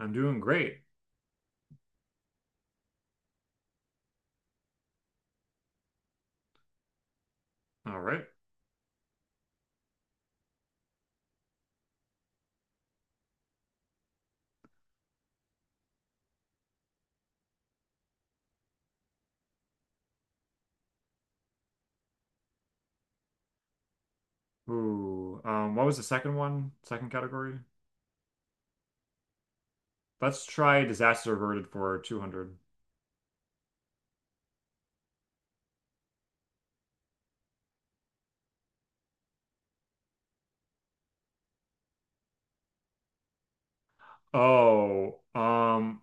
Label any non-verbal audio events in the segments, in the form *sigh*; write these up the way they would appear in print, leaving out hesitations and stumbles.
I'm doing great. All right. Ooh, what was the second one? Second category? Let's try disaster averted for 200. Oh,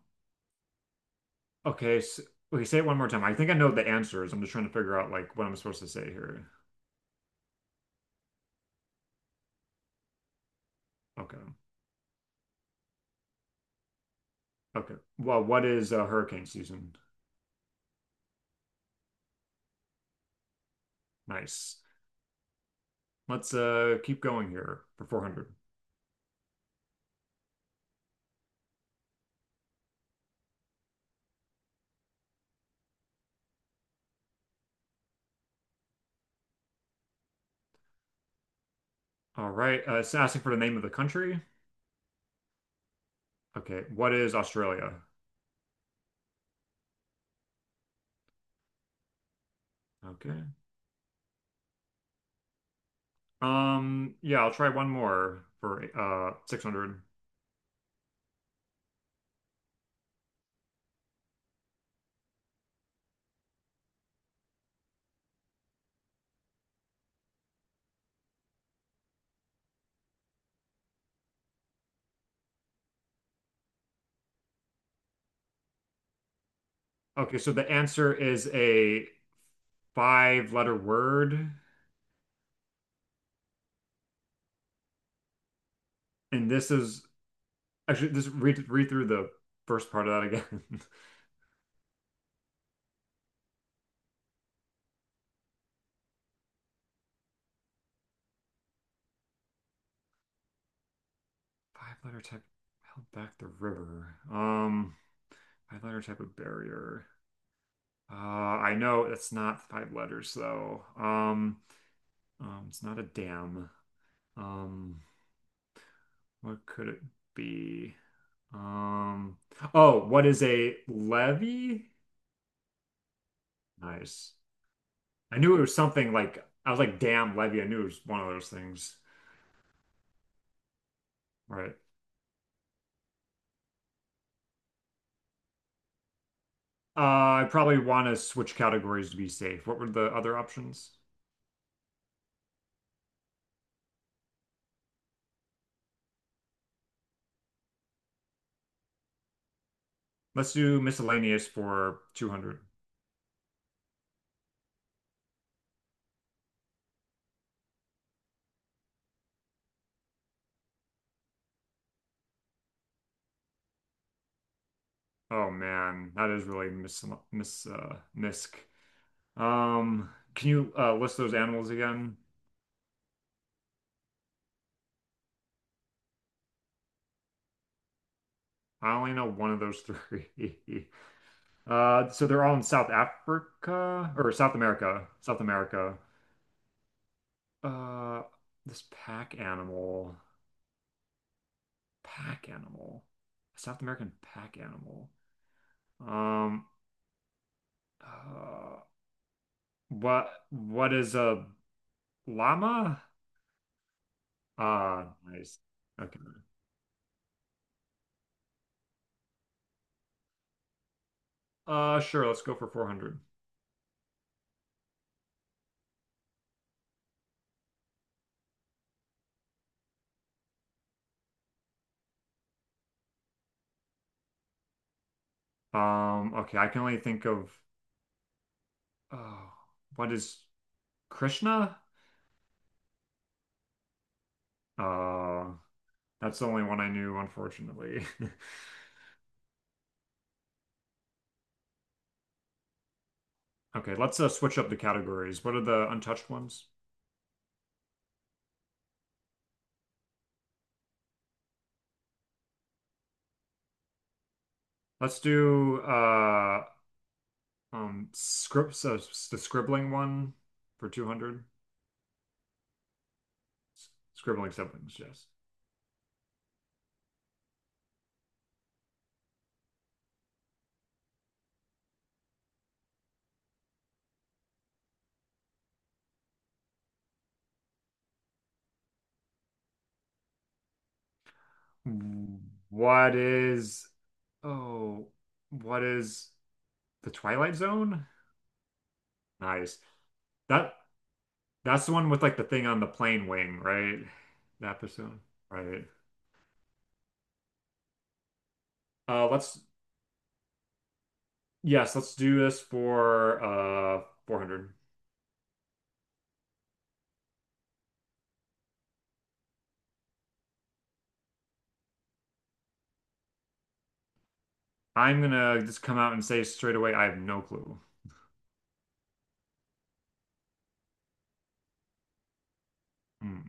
okay. s Okay, say it one more time. I think I know the answers. I'm just trying to figure out like what I'm supposed to say here. Okay. Okay. Well, what is hurricane season? Nice. Let's keep going here for 400. All right. It's asking for the name of the country. Okay. What is Australia? Okay. Yeah, I'll try one more for 600. Okay, so the answer is a five-letter word, and this is actually just read through the first part of that again. *laughs* Five-letter type held back the river. Five-letter type of barrier. I know it's not five letters though. It's not a dam. Um, what could it be? Um, oh, what is a levee? Nice. I knew it was something like I was like, damn, Levy, I knew it was one of those things. Right. I probably want to switch categories to be safe. What were the other options? Let's do miscellaneous for 200. Oh man, that is really misc. Um, can you list those animals again? I only know one of those three. *laughs* So they're all in South Africa or South America. South America. Uh, this pack animal. Pack animal. A South American pack animal. Um, uh, what is a llama? Ah, nice. Okay. Sure. Let's go for 400. Okay. I can only think of, oh, what is Krishna? Uh, that's the only one I knew, unfortunately. *laughs* Okay. Let's switch up the categories. What are the untouched ones? Let's do scripts the scribbling one for 200. Scribbling siblings, yes. What is, oh, what is the Twilight Zone? Nice. That that's the one with like the thing on the plane wing, right? That person, right? Let's Yes, let's do this for 400. I'm gonna just come out and say straight away, I have no clue. Hmm.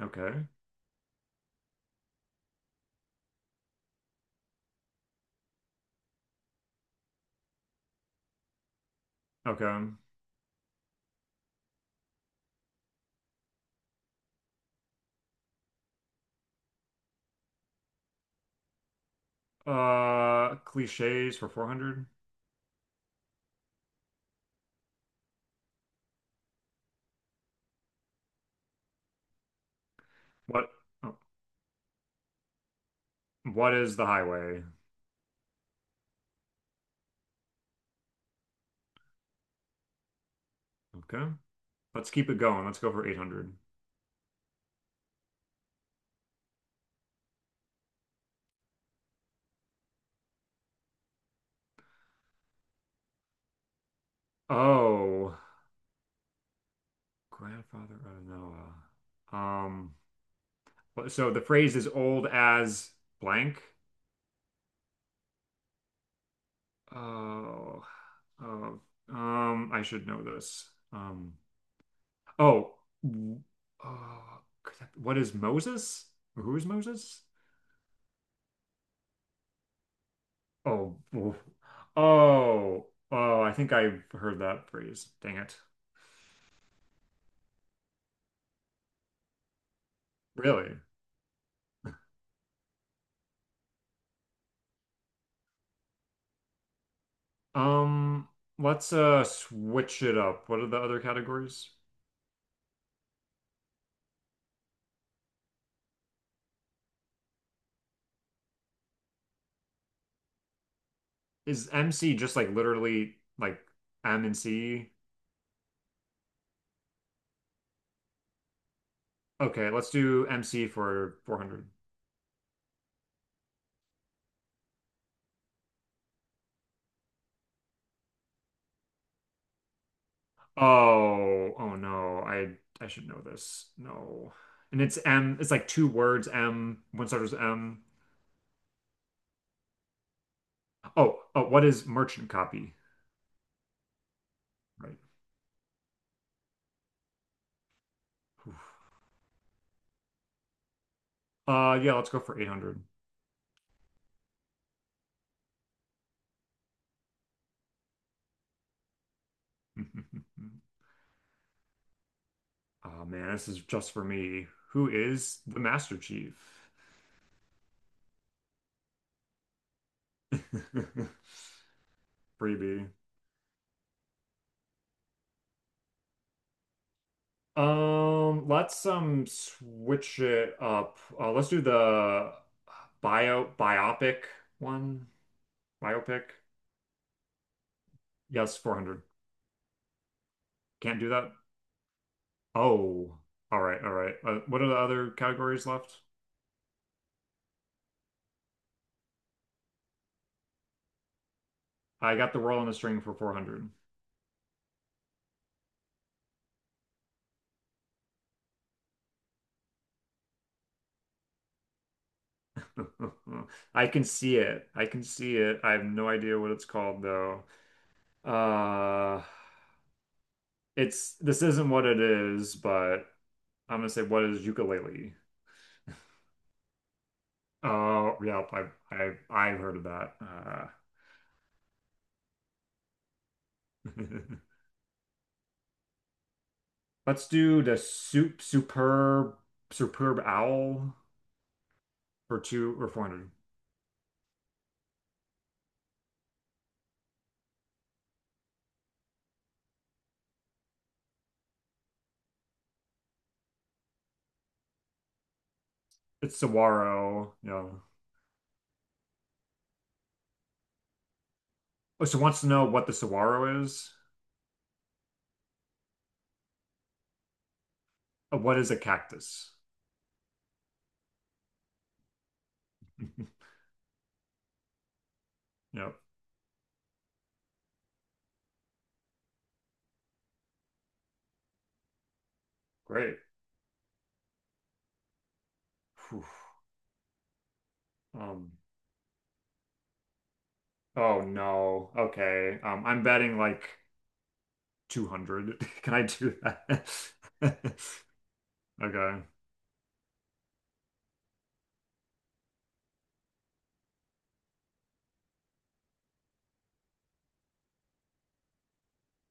Okay, okay. Cliches for 400. What? Oh, what is the highway? Okay. Let's keep it going. Let's go for 800. Oh, grandfather of Noah. So the phrase is old as blank. Oh, oh, I should know this. Oh, oh, what is Moses? Who is Moses? Oh, oh, oh, oh, I think I heard that phrase. Dang it. Really? Um, let's switch it up. What are the other categories? Is MC just like literally like M and C? Okay, let's do MC for 400. Oh, oh no. I should know this. No. And it's M, it's like two words, M, one starts with M. Oh, oh, what is merchant copy? Right. Oof. Yeah, let's go for 800. *laughs* Oh man, this is just for me. Who is the Master Chief? *laughs* Freebie. Let's switch it up. Let's do the biopic one. Biopic. Yes, 400. Can't do that. Oh, all right, all right. What are the other categories left? I got the world on a string for 400. *laughs* I can see it. I can see it. I have no idea what it's called though. Uh, it's This isn't what it is, but I'm gonna say what is ukulele? Oh, yeah, I've heard of that. *laughs* Let's do the soup superb superb owl for two or four hundred. It's saguaro, you oh, so wants to know what the saguaro is. What is a cactus? *laughs* Yep, great. Phew. Um, oh no. Okay. I'm betting like 200. *laughs* Can I do that? *laughs* Okay.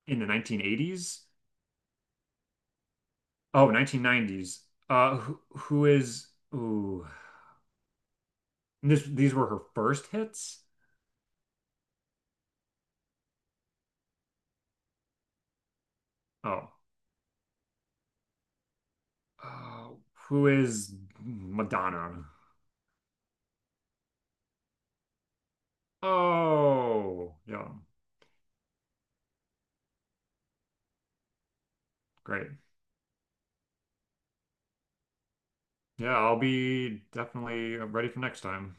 In the 1980s? Oh, 1990s. Who is? Ooh, these were her first hits. Oh, uh, who is Madonna? Oh, yeah, great. Yeah, I'll be definitely ready for next time.